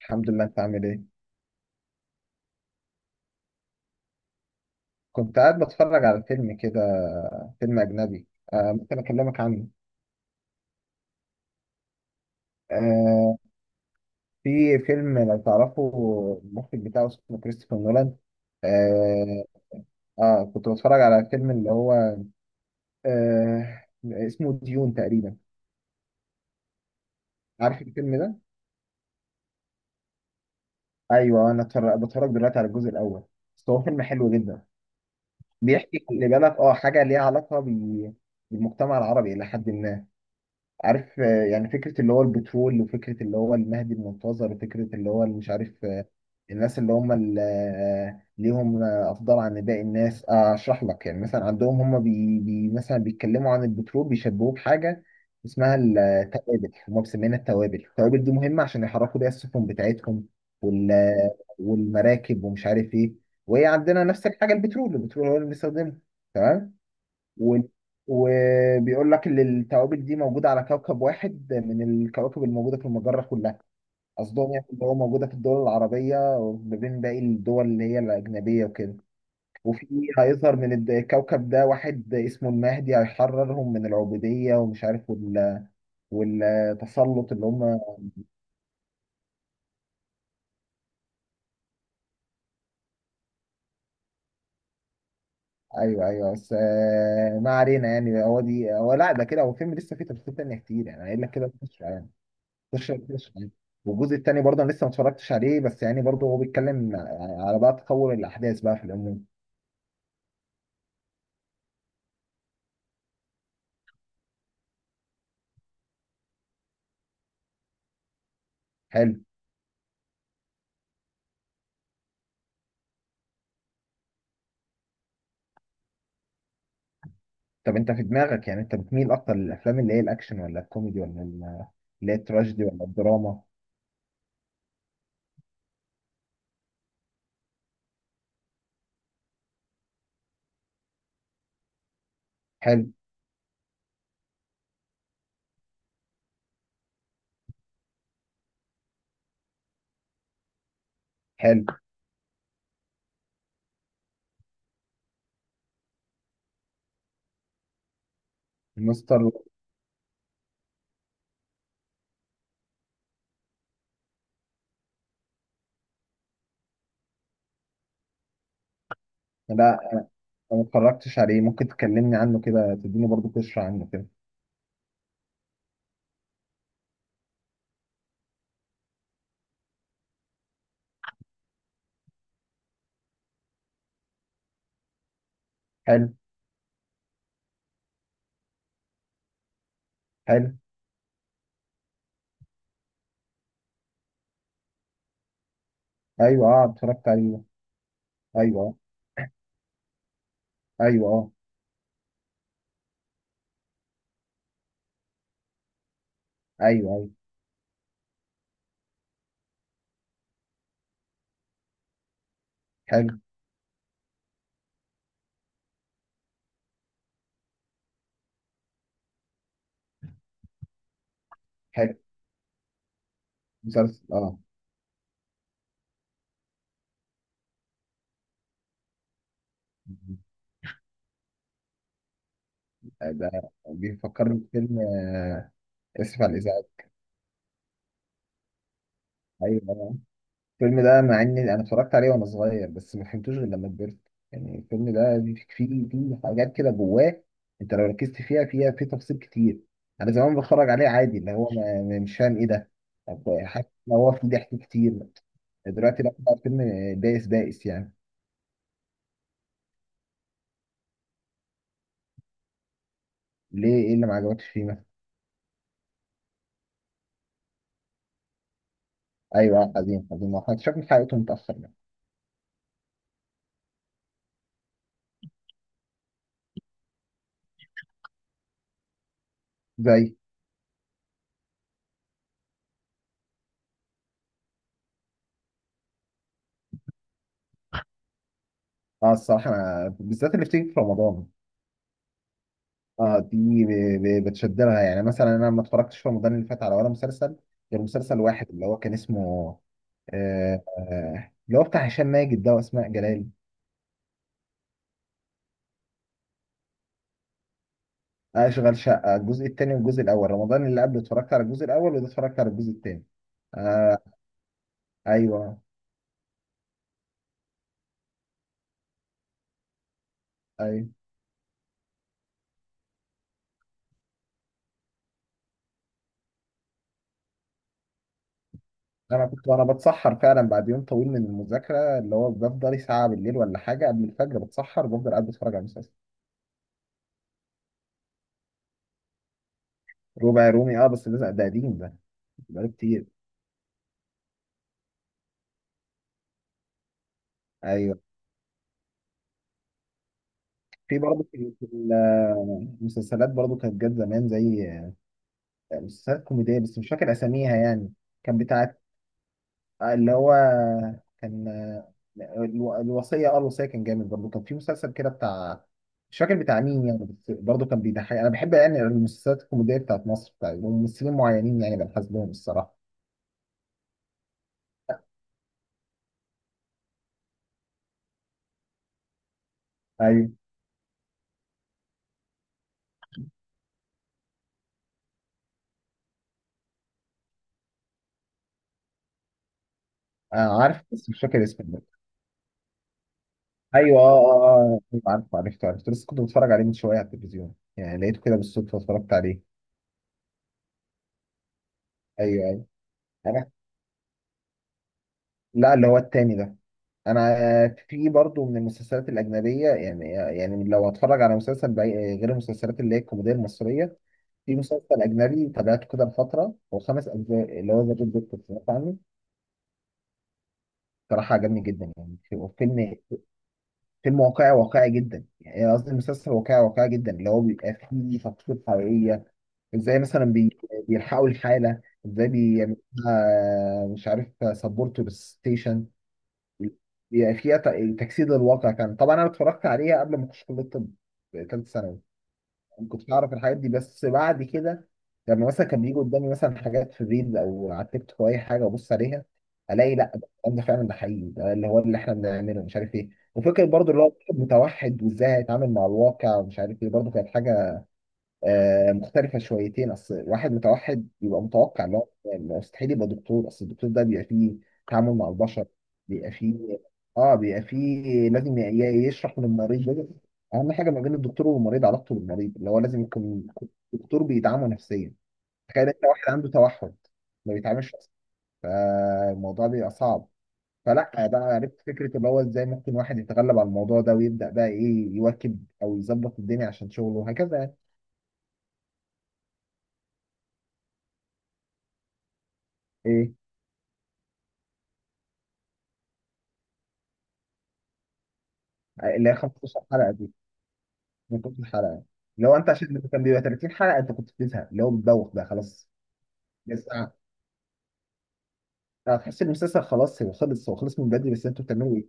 الحمد لله، انت عامل ايه؟ كنت قاعد بتفرج على فيلم كده، فيلم اجنبي. آه، ممكن اكلمك عنه. آه، في فيلم لو تعرفه المخرج بتاعه اسمه كريستوفر نولان. آه، اه، كنت بتفرج على فيلم اللي هو اسمه ديون تقريبا. عارف الفيلم ده؟ ايوه، انا بتفرج دلوقتي على الجزء الاول. بس هو فيلم حلو جدا. بيحكي، خلي بالك، حاجه ليها علاقه بالمجتمع العربي الى حد ما. عارف؟ يعني فكرة اللي هو البترول، وفكرة اللي هو المهدي المنتظر، وفكرة اللي هو اللي مش عارف. الناس اللي هم اللي ليهم أفضل عن باقي الناس. أشرح لك. يعني مثلا عندهم هم بي بي مثلا بيتكلموا عن البترول بيشبهوه بحاجة اسمها التوابل. هم مسمينها التوابل. التوابل دي مهمة عشان يحركوا بيها السفن بتاعتهم، والمراكب ومش عارف إيه. وهي عندنا نفس الحاجة، البترول. البترول هو اللي بنستخدمه. تمام. و... وبيقول لك ان الكواكب دي موجوده على كوكب واحد من الكواكب الموجوده في المجره كلها. قصدهم يعني اللي هو موجوده في الدول العربيه وما بين باقي الدول اللي هي الاجنبيه وكده. وفي، هيظهر من الكوكب ده واحد اسمه المهدي، هيحررهم من العبوديه ومش عارف والتسلط اللي هم. ايوه، ايوه، بس، ما علينا، يعني هو دي، هو لا ده كده، هو فيلم لسه فيه تفاصيل تانيه كتير، يعني قايل لك كده. 16 13. والجزء التاني برضه انا لسه ما اتفرجتش عليه، بس يعني برضه هو بيتكلم يعني على بقى تطور الاحداث بقى في العموم. حلو. طب انت في دماغك، يعني انت بتميل اكتر للافلام اللي هي الاكشن، ولا الكوميدي، ولا اللي هي التراجيدي، ولا الدراما؟ حلو. حلو. مستر. لا، أنا ما اتفرجتش عليه، ممكن تكلمني عنه كده، تديني برضه قشرة عنه كده. حلو. حلو. ايوه. اه، اتفرجت عليه. ايوه. اه. ايوه. اه. ايوه. ايوه. حلو. حلو. مسلسل. اه. ده بيفكرني بفيلم اسف على الازعاج. ايوه، الفيلم ده مع اني انا اتفرجت عليه وانا صغير، بس ما فهمتوش غير لما كبرت. يعني الفيلم ده فيه حاجات كده جواه. انت لو ركزت فيها، في تفاصيل كتير. انا زمان بتفرج عليه عادي، اللي هو مش فاهم ايه ده. طب حاسس ان هو فيه ضحك كتير. دلوقتي لا، بقى الفيلم بائس، بائس يعني. ليه؟ ايه اللي ما عجبكش فيه مثلا؟ ايوه، حزين، حزين، ما احنا اكتشفنا حقيقته متاخر يعني. زي. اه، الصراحه انا بالذات اللي بتيجي في رمضان. اه، دي بتشد لها، يعني مثلا انا ما اتفرجتش في رمضان اللي فات على ولا مسلسل، غير مسلسل واحد اللي هو كان اسمه اللي هو بتاع هشام ماجد ده واسماء جلال. اشغل شقه الجزء الثاني. والجزء الاول رمضان اللي قبل اتفرجت على الجزء الاول، وده اتفرجت على الجزء الثاني. آه. ايوه. ايوه. انا كنت وانا بتسحر فعلا بعد يوم طويل من المذاكره، اللي هو بفضل ساعه بالليل ولا حاجه قبل الفجر بتسحر، بفضل قاعد بتفرج على المسلسل. ربع رومي، اه، بس ده قديم، ده بقاله كتير. ايوه، في برضه في المسلسلات برضه كانت جت زمان، زي مسلسلات كوميدية، بس مش فاكر أساميها يعني. كان بتاعت اللي هو، كان الوصية. اه الوصية كان جامد. برضه كان في مسلسل كده بتاع، مش فاكر بتاع مين يعني. بس برضه كان بيضحك. أنا بحب يعني المسلسلات الكوميدية بتاعت مصر، بتاعت ممثلين معينين، يعني بنحس لهم الصراحة. أيوه. عارف، بس مش فاكر اسمه برضه. أيوه. عارف، عرفته لسه كنت بتفرج عليه من شوية على التلفزيون يعني، لقيته كده بالصدفة اتفرجت عليه. ايوه. ايوه. انا. لا، اللي هو التاني ده. انا في برضو من المسلسلات الاجنبيه، يعني لو اتفرج على مسلسل غير المسلسلات اللي هي الكوميديه المصريه. في مسلسل اجنبي تابعته كده لفتره، هو خمس اجزاء، اللي هو ذا جود دكتور، سمعت عنه؟ صراحه عجبني جدا يعني. فيلم، فيلم واقعي، واقعي جدا يعني، قصدي المسلسل واقعي، واقعي جدا. اللي هو بيبقى فيه تفاصيل حقيقيه، ازاي مثلا بيلحقوا الحاله، ازاي بيعملوها. مش عارف، سبورت للستيشن. بيبقى فيها تجسيد للواقع. كان طبعا انا اتفرجت عليها قبل ما اخش كليه الطب، في ثالثه ثانوي. ما كنتش اعرف الحاجات دي، بس بعد كده لما مثلا كان بيجي قدامي مثلا حاجات في الريلز او على التيك توك او اي حاجه وابص عليها، الاقي لا، ده الكلام ده فعلا، ده حقيقي، ده اللي هو اللي احنا بنعمله مش عارف ايه. وفكره برضو اللي هو الواحد متوحد وازاي هيتعامل مع الواقع، ومش عارف ايه، برضو كانت حاجه مختلفة شويتين. أصل واحد متوحد يبقى متوقع إن هو مستحيل يبقى دكتور. أصل الدكتور ده بيبقى فيه تعامل مع البشر. بيبقى فيه بيبقى فيه لازم يشرح للمريض. لازم، أهم حاجة ما بين الدكتور والمريض علاقته بالمريض، اللي هو لازم يكون، الدكتور بيدعمه نفسيا. تخيل أنت واحد عنده توحد ما بيتعاملش أصلا، فالموضوع بيبقى صعب. فلا بقى عرفت فكرة اللي هو إزاي ممكن واحد يتغلب على الموضوع ده، ويبدأ بقى إيه، يواكب أو يظبط الدنيا عشان شغله وهكذا يعني. إيه؟ اللي هي 15 حلقه دي، من كل حلقه، لو انت عشان كان بيبقى 30 حلقه انت كنت بتزهق، اللي هو بتدوخ بقى خلاص. بس هتحس إن المسلسل خلاص هو خلص، من بدري، بس انتوا بتعملوا ايه؟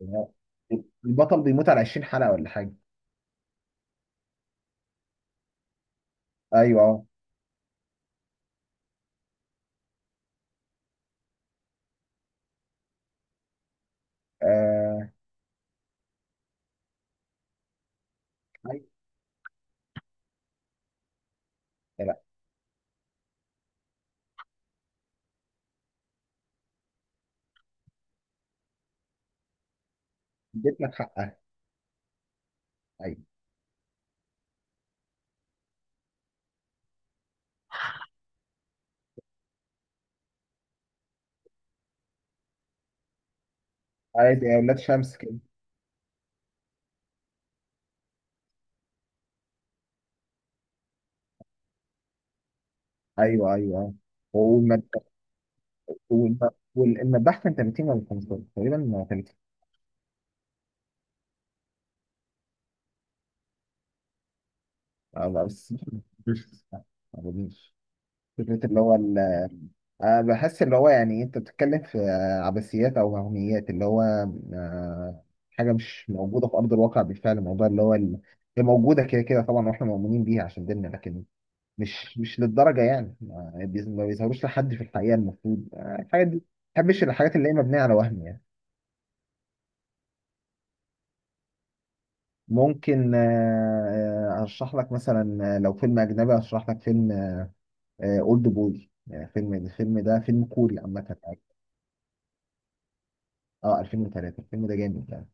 يعني البطل بيموت على 20 حلقه ولا حاجه. ايوه. اه. ايوه. لا. اديت لك حقها. ايوه. عادي، يا ولاد شمس كده. ايوه. ايوه. والمذبح. والم- والمذبح كان 30 ولا 15، تقريبا 30؟ بس مش، ما أظنش. فكرة اللي هو بحس اللي هو، يعني أنت بتتكلم في عبثيات أو وهميات اللي هو. أه حاجة مش موجودة في أرض الواقع بالفعل. الموضوع اللي هو هي موجودة كده كده طبعا، وإحنا مؤمنين بيها عشان ديننا، لكن مش للدرجة يعني، ما بيظهروش لحد في الحقيقة. المفروض الحاجات دي ما بحبش الحاجات اللي هي مبنية على وهم يعني. ممكن، أرشح لك مثلا، لو فيلم أجنبي أرشح لك فيلم أولد بوي، يعني فيلم. الفيلم ده فيلم كوري عامة. اه، 2003، الفيلم ده جامد يعني.